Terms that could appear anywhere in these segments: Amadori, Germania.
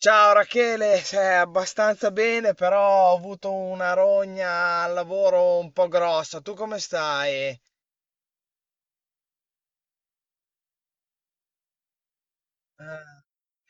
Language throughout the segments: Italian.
Ciao Rachele, abbastanza bene, però ho avuto una rogna al lavoro un po' grossa. Tu come stai? Eh,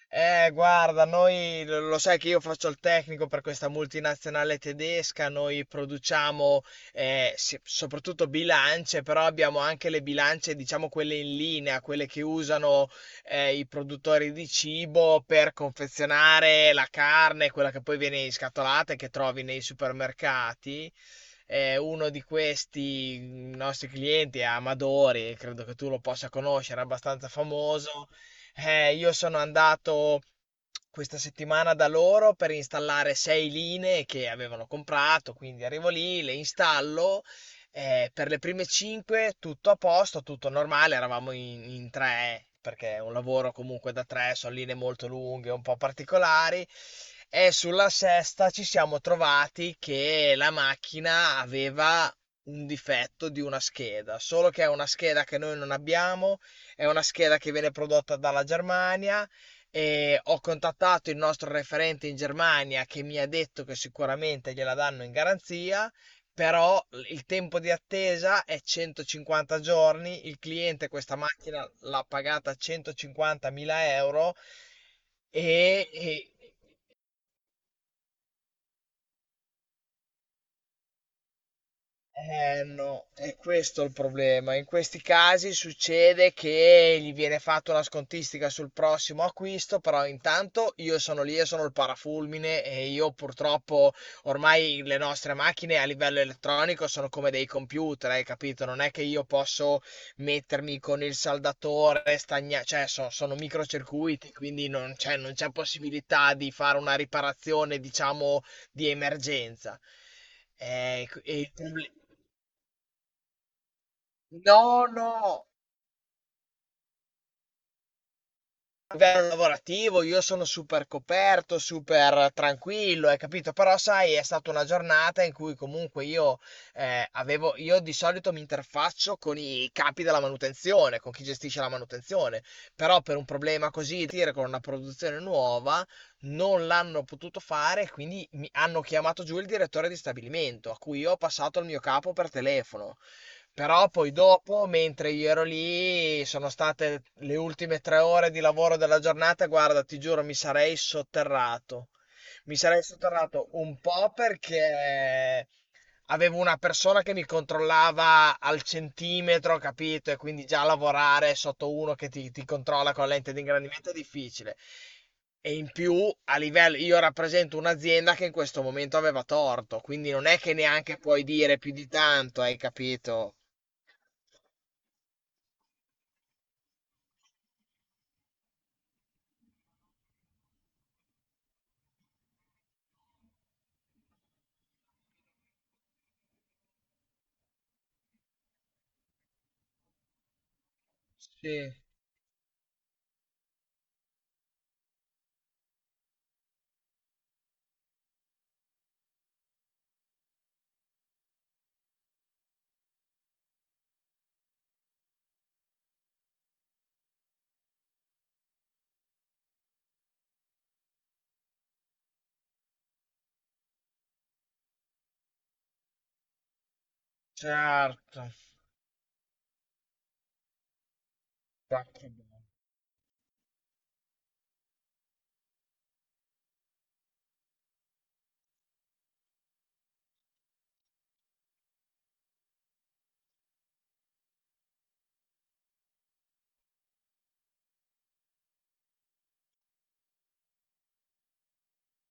Guarda, noi lo sai che io faccio il tecnico per questa multinazionale tedesca. Noi produciamo soprattutto bilance, però abbiamo anche le bilance, diciamo quelle in linea, quelle che usano i produttori di cibo per confezionare la carne, quella che poi viene in scatolata e che trovi nei supermercati. Uno di questi nostri clienti è Amadori. Credo che tu lo possa conoscere, è abbastanza famoso. Io sono andato questa settimana da loro per installare sei linee che avevano comprato, quindi arrivo lì, le installo. Per le prime cinque tutto a posto, tutto normale, eravamo in tre, perché è un lavoro comunque da tre, sono linee molto lunghe, un po' particolari. E sulla sesta ci siamo trovati che la macchina aveva un difetto di una scheda. Solo che è una scheda che noi non abbiamo, è una scheda che viene prodotta dalla Germania, e ho contattato il nostro referente in Germania che mi ha detto che sicuramente gliela danno in garanzia, però il tempo di attesa è 150 giorni. Il cliente questa macchina l'ha pagata 150.000 euro. e, e- Eh no, è questo il problema. In questi casi succede che gli viene fatta una scontistica sul prossimo acquisto, però intanto io sono lì e sono il parafulmine, e io purtroppo ormai le nostre macchine a livello elettronico sono come dei computer, hai capito? Non è che io posso mettermi con il saldatore, cioè sono microcircuiti, quindi non c'è possibilità di fare una riparazione, diciamo, di emergenza. E il problema. No, no, a livello lavorativo io sono super coperto, super tranquillo, hai capito? Però sai, è stata una giornata in cui comunque io avevo, io di solito mi interfaccio con i capi della manutenzione, con chi gestisce la manutenzione. Però per un problema così, dire con una produzione nuova, non l'hanno potuto fare, e quindi mi hanno chiamato giù il direttore di stabilimento, a cui io ho passato il mio capo per telefono. Però poi dopo, mentre io ero lì, sono state le ultime 3 ore di lavoro della giornata. Guarda, ti giuro, mi sarei sotterrato. Mi sarei sotterrato un po' perché avevo una persona che mi controllava al centimetro, capito? E quindi già lavorare sotto uno che ti controlla con la lente di ingrandimento è difficile. E in più, a livello, io rappresento un'azienda che in questo momento aveva torto, quindi non è che neanche puoi dire più di tanto, hai capito? Sì, certo, fatto bene.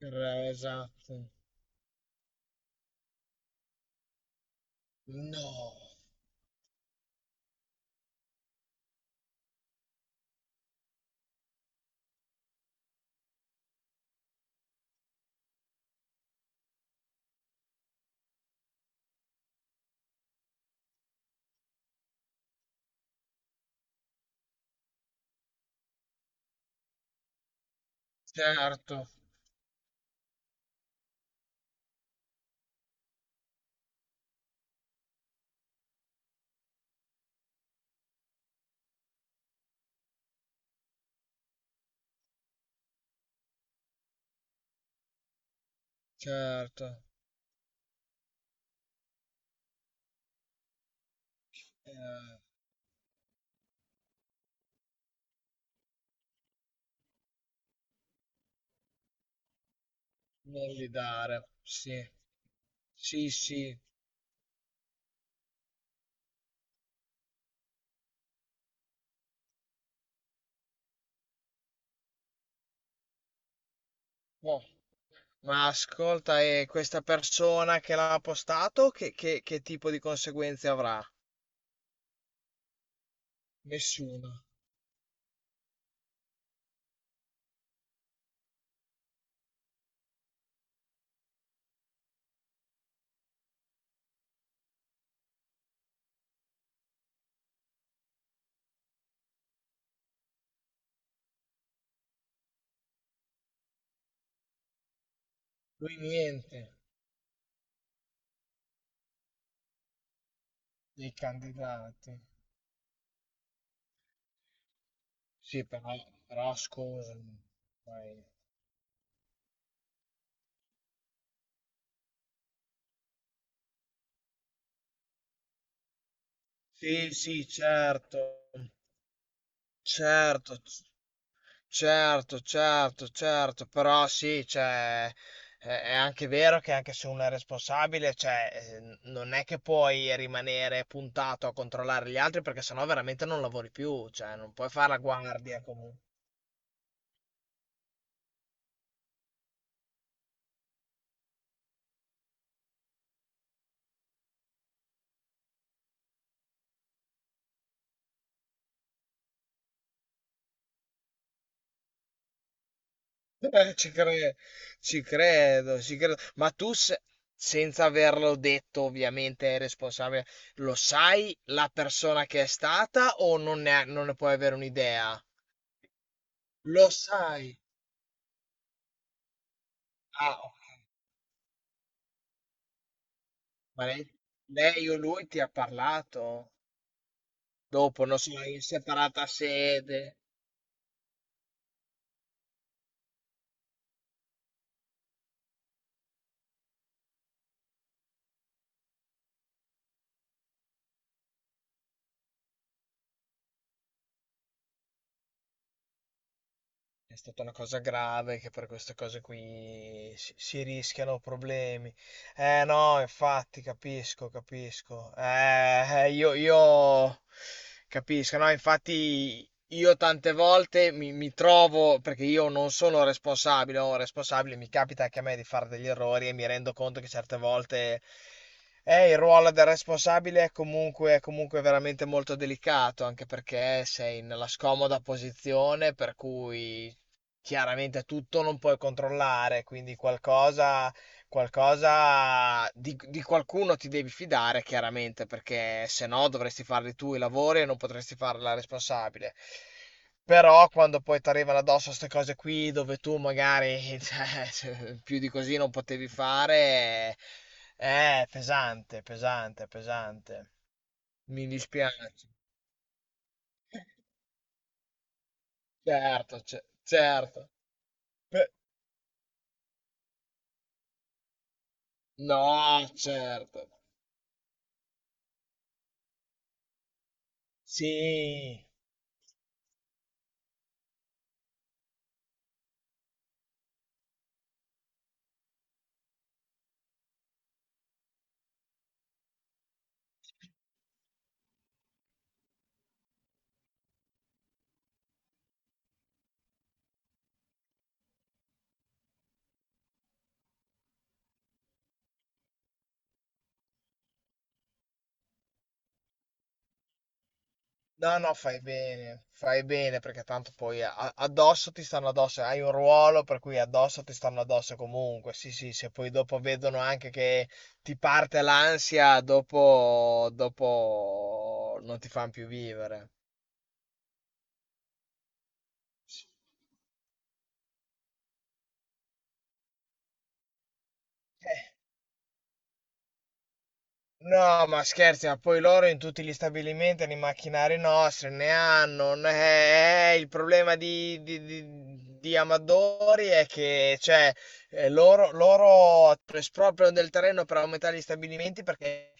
Esatto. No, certo, certo. Eh, Non gli dare. Sì, sì, sì. Oh, ma ascolta, e questa persona che l'ha postato, che tipo di conseguenze avrà? Nessuna. Lui niente dei candidati. Sì, però scusami. Poi- Sì, sì, certo. Certo, certo, certo, certo, però sì, cioè, è anche vero che anche se uno è responsabile, cioè, non è che puoi rimanere puntato a controllare gli altri perché sennò veramente non lavori più, cioè, non puoi fare la guardia comunque. Ci credo, ci credo, ci credo. Ma tu, senza averlo detto, ovviamente è responsabile, lo sai la persona che è stata, o non ne puoi avere un'idea? Lo sai. Ah, ma lei o lui ti ha parlato? Dopo, non so, in separata sede. È stata una cosa grave, che per queste cose qui si rischiano problemi. Eh no, infatti, capisco, capisco. Io capisco, no, infatti io tante volte mi trovo, perché io non sono responsabile, o responsabile, mi capita anche a me di fare degli errori, e mi rendo conto che certe volte il ruolo del responsabile è comunque veramente molto delicato, anche perché sei nella scomoda posizione per cui chiaramente tutto non puoi controllare, quindi qualcosa di qualcuno ti devi fidare chiaramente, perché se no dovresti farli tu i lavori e non potresti farla responsabile. Però quando poi ti arrivano addosso ste cose qui, dove tu magari cioè, più di così non potevi fare, è pesante, pesante, pesante. Mi dispiace. Certo, certo. Pe- No, certo. Sì, no, no, fai bene, fai bene, perché tanto poi addosso ti stanno addosso, hai un ruolo per cui addosso ti stanno addosso comunque. Sì, sì, se poi dopo vedono anche che ti parte l'ansia, dopo, non ti fanno più vivere. Eh, No, ma scherzi, ma poi loro in tutti gli stabilimenti hanno i macchinari nostri, ne hanno. Il problema di Amadori è che cioè, loro espropriano del terreno per aumentare gli stabilimenti, perché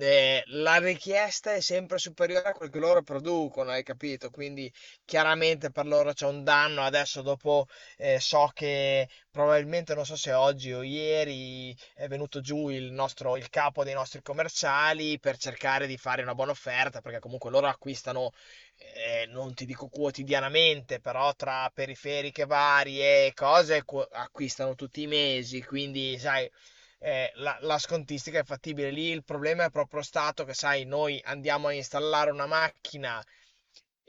la richiesta è sempre superiore a quel che loro producono, hai capito? Quindi chiaramente per loro c'è un danno. Adesso dopo so che probabilmente, non so se oggi o ieri è venuto giù il nostro, il capo dei nostri commerciali, per cercare di fare una buona offerta, perché comunque loro acquistano, non ti dico quotidianamente, però tra periferiche varie e cose acquistano tutti i mesi, quindi sai, la scontistica è fattibile. Lì il problema è proprio stato che, sai, noi andiamo a installare una macchina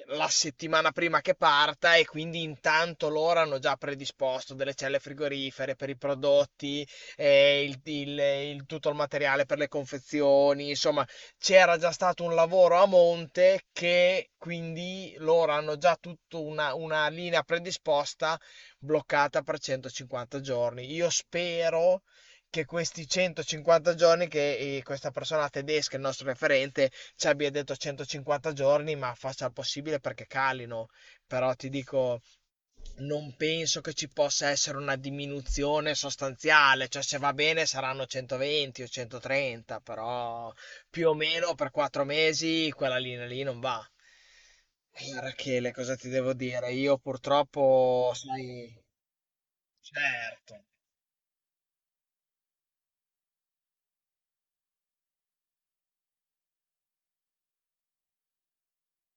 la settimana prima che parta, e quindi intanto loro hanno già predisposto delle celle frigorifere per i prodotti, eh, il, il- tutto il materiale per le confezioni, insomma, c'era già stato un lavoro a monte, che quindi loro hanno già tutta una linea predisposta, bloccata per 150 giorni. Io spero che questi 150 giorni che questa persona tedesca, il nostro referente, ci abbia detto 150 giorni, ma faccia il possibile perché calino. Però ti dico, non penso che ci possa essere una diminuzione sostanziale, cioè se va bene saranno 120 o 130, però più o meno per 4 mesi quella linea lì non va. Rachele, cosa ti devo dire? Io purtroppo, sai, certo,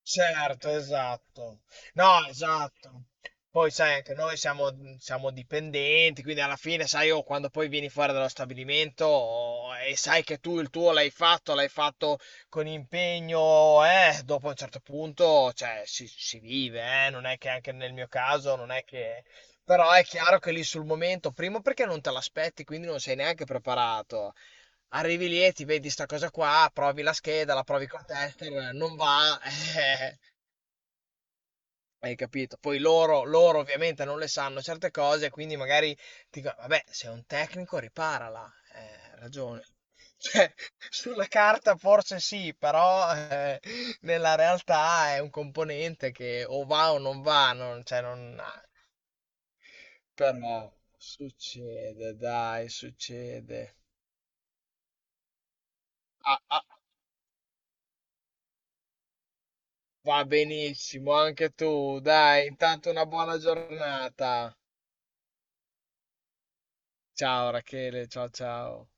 certo, esatto. No, esatto. Poi sai, anche noi siamo dipendenti, quindi alla fine, sai, io quando poi vieni fuori dallo stabilimento, oh, e sai che tu il tuo l'hai fatto con impegno, dopo un certo punto, cioè, si vive, non è che anche nel mio caso, non è che... Però è chiaro che lì sul momento, primo perché non te l'aspetti, quindi non sei neanche preparato. Arrivi lì e ti vedi sta cosa qua, provi la scheda, la provi con tester, non va. Hai capito? Poi loro ovviamente non le sanno certe cose, quindi magari ti dico, vabbè, sei un tecnico, riparala. Hai ragione. Cioè, sulla carta forse sì, però nella realtà è un componente che o va o non va, non, cioè non... Però succede, dai, succede. Ah, ah, va benissimo, anche tu, dai, intanto una buona giornata. Ciao Rachele, ciao ciao.